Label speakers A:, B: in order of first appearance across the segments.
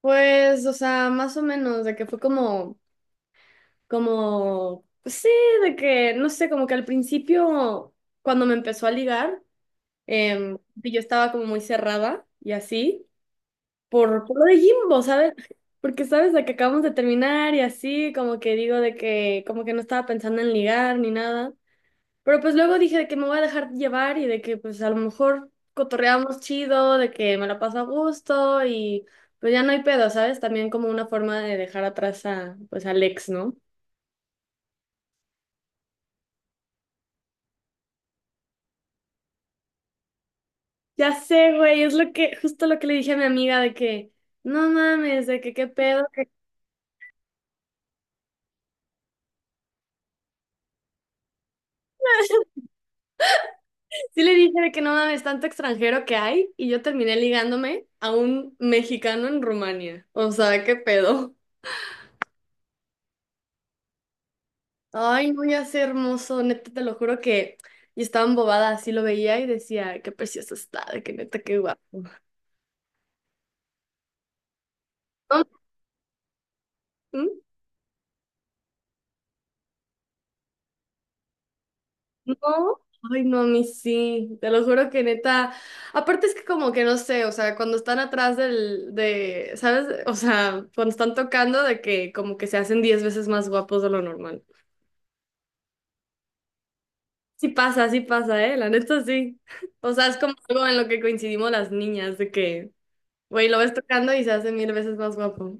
A: Pues, o sea, más o menos, de que fue como, pues sí, de que, no sé, como que al principio, cuando me empezó a ligar, y yo estaba como muy cerrada y así, por lo de Jimbo, ¿sabes? Porque, ¿sabes? De que acabamos de terminar y así, como que digo de que, como que no estaba pensando en ligar ni nada. Pero pues luego dije de que me voy a dejar llevar y de que pues a lo mejor cotorreamos chido, de que me la paso a gusto y pues ya no hay pedo, ¿sabes? También como una forma de dejar atrás a pues al ex, ¿no? Ya sé, güey, justo lo que le dije a mi amiga de que no mames, de que qué pedo, que. Sí le dije de que no mames, tanto extranjero que hay y yo terminé ligándome a un mexicano en Rumania. O sea, qué pedo. Ay, no, ya sé, hermoso, neta, te lo juro que yo estaba embobada, así lo veía y decía, qué precioso está, de que neta, qué guapo. No. ¿Mm? No, ay, no, a mí sí, te lo juro que neta, aparte es que como que no sé, o sea, cuando están atrás ¿sabes? O sea, cuando están tocando de que como que se hacen diez veces más guapos de lo normal. Sí pasa, ¿eh? La neta sí. O sea, es como algo en lo que coincidimos las niñas, de que, güey, lo ves tocando y se hace mil veces más guapo.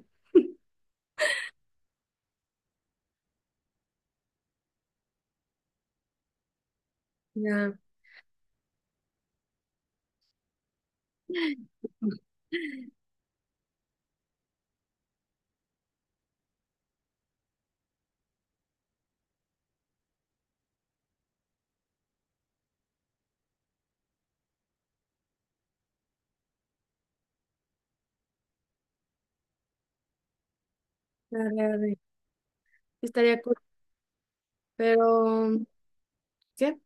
A: Ya. Dale, dale. Estaría cool. Pero, ¿qué?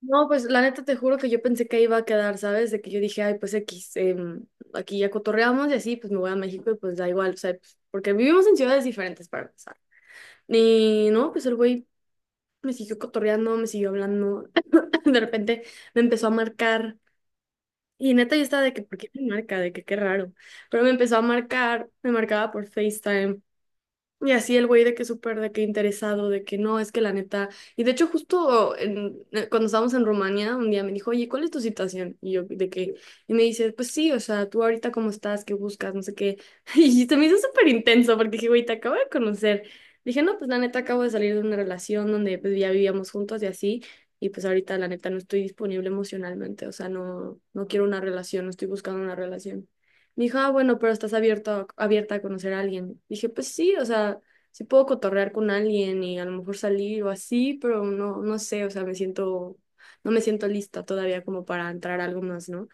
A: No, pues la neta te juro que yo pensé que ahí iba a quedar, ¿sabes? De que yo dije, ay, pues X, aquí ya cotorreamos y así, pues me voy a México y pues da igual, o sea, pues, porque vivimos en ciudades diferentes para empezar. Y no, pues el güey me siguió cotorreando, me siguió hablando. De repente me empezó a marcar. Y neta yo estaba de que, ¿por qué me marca? De que qué raro. Pero me empezó a marcar, me marcaba por FaceTime. Y así el güey de que súper, de que interesado, de que no, es que la neta. Y de hecho, justo cuando estábamos en Rumania, un día me dijo, oye, ¿cuál es tu situación? Y yo, de que, y me dice, pues sí, o sea, tú ahorita cómo estás, qué buscas, no sé qué. Y se me hizo súper intenso porque dije, güey, te acabo de conocer. Dije, no, pues la neta acabo de salir de una relación donde pues ya vivíamos juntos y así. Y pues ahorita la neta no estoy disponible emocionalmente, o sea, no, no quiero una relación, no estoy buscando una relación. Me dijo, ah, bueno, pero estás abierto, abierta a conocer a alguien. Dije, pues sí, o sea, sí puedo cotorrear con alguien y a lo mejor salir o así, pero no, no sé, o sea, no me siento lista todavía como para entrar a algo más, ¿no?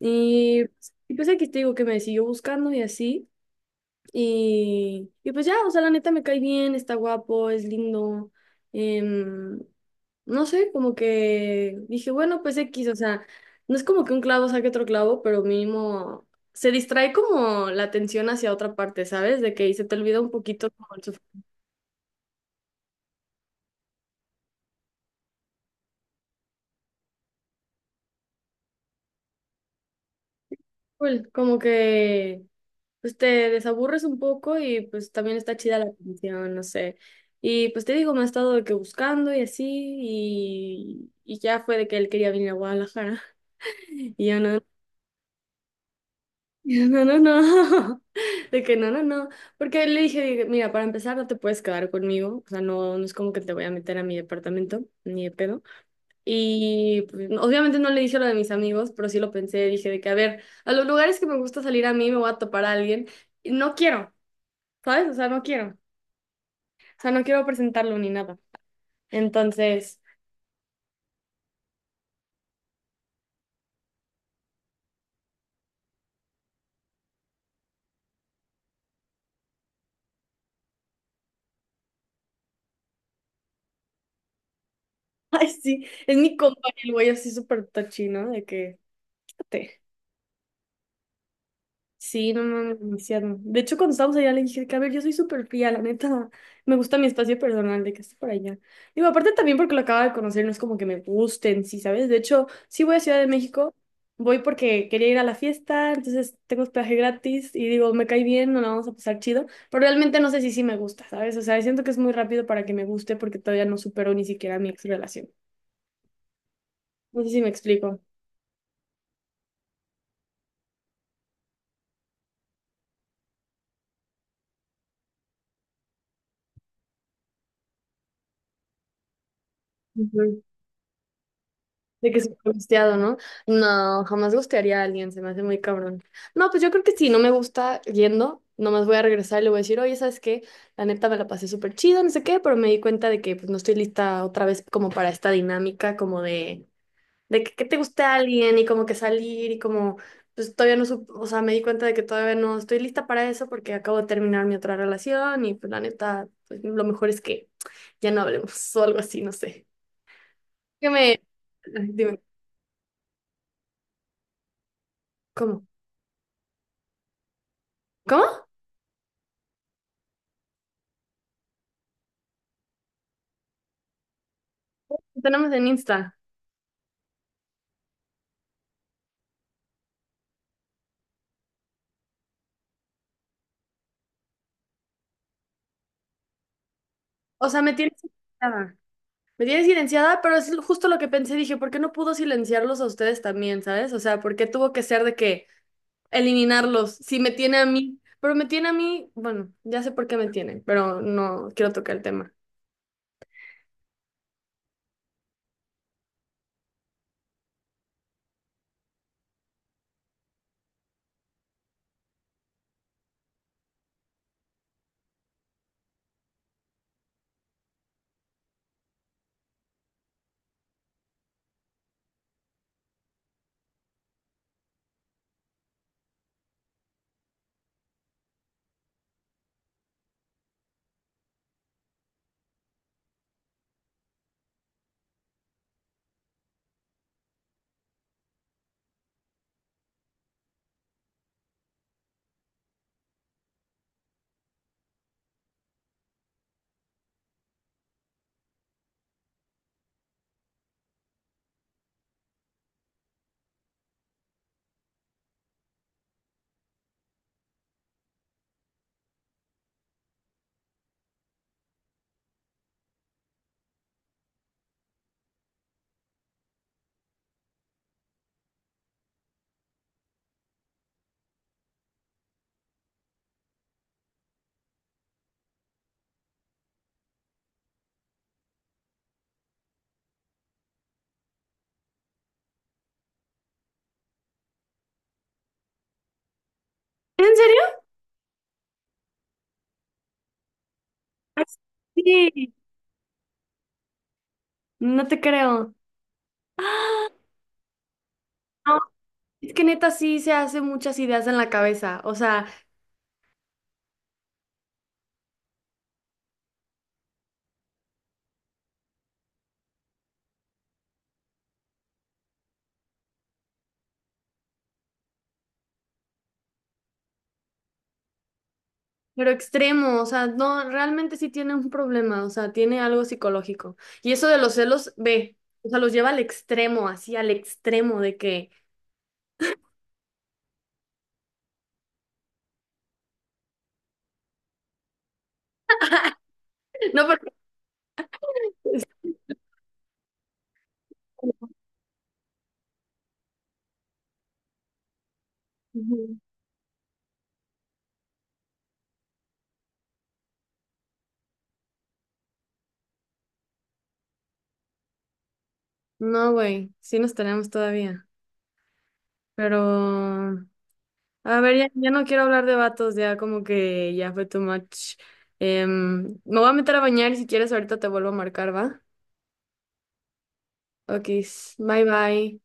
A: Y, pues aquí te digo que me siguió buscando y así. Y pues ya, o sea, la neta me cae bien, está guapo, es lindo. em, no sé, como que dije, bueno, pues X, o sea, no es como que un clavo saque otro clavo, pero mínimo se distrae como la atención hacia otra parte, ¿sabes? De que ahí se te olvida un poquito como el sufrimiento, cool, como que pues te desaburres un poco y pues también está chida la atención, no sé. Y pues te digo, me ha estado de que buscando y así, y, ya fue de que él quería venir a Guadalajara. Y yo no, no, no, no, de que no, no, no, porque le dije, dije, mira, para empezar no te puedes quedar conmigo, o sea, no, no es como que te voy a meter a mi departamento, ni de pedo. Y pues, no, obviamente no le dije lo de mis amigos, pero sí lo pensé, dije de que, a ver, a los lugares que me gusta salir a mí me voy a topar a alguien, y no quiero, ¿sabes? O sea, no quiero, o sea, no quiero presentarlo ni nada. Entonces, ay, sí, es mi compa, y el güey así súper touchy, ¿no? De que, te. Sí, no, no, no, demasiado. De hecho, cuando estábamos allá le dije que, a ver, yo soy súper fría, la neta, me gusta mi espacio personal de que esté por allá. Digo, aparte también porque lo acabo de conocer, no es como que me gusten, sí, ¿sabes? De hecho, sí voy a Ciudad de México, voy porque quería ir a la fiesta, entonces tengo hospedaje gratis y digo, me cae bien, no la vamos a pasar chido, pero realmente no sé si sí me gusta, ¿sabes? O sea, siento que es muy rápido para que me guste porque todavía no supero ni siquiera mi ex relación. No sé si me explico. De que súper gusteado, ¿no? No, jamás gustearía a alguien, se me hace muy cabrón. No, pues yo creo que si no me gusta yendo, nomás voy a regresar y le voy a decir, oye, ¿sabes qué? La neta me la pasé súper chido, no sé qué, pero me di cuenta de que pues no estoy lista otra vez como para esta dinámica, como de que te guste a alguien y como que salir y como, pues todavía no, o sea, me di cuenta de que todavía no estoy lista para eso porque acabo de terminar mi otra relación y pues la neta, pues lo mejor es que ya no hablemos o algo así, no sé. Que me... Dime, ¿cómo? ¿Cómo? Tenemos en Insta. O sea, me tienes silenciada. Me tienes silenciada, pero es justo lo que pensé. Dije, ¿por qué no pudo silenciarlos a ustedes también, sabes? O sea, ¿por qué tuvo que ser de que eliminarlos si me tiene a mí? Pero me tiene a mí, bueno, ya sé por qué me tiene, pero no quiero tocar el tema. ¿En serio? Ah, sí, no te creo. Ah, no, es que neta sí se hace muchas ideas en la cabeza. O sea, pero extremo, o sea, no, realmente sí tiene un problema, o sea, tiene algo psicológico. Y eso de los celos, ve, o sea, los lleva al extremo, así al extremo de que... No, porque... Ujú. No, güey, sí nos tenemos todavía. Pero, a ver, ya, ya no quiero hablar de vatos, ya como que ya fue too much. Me voy a meter a bañar y si quieres ahorita te vuelvo a marcar, ¿va? Ok, bye bye.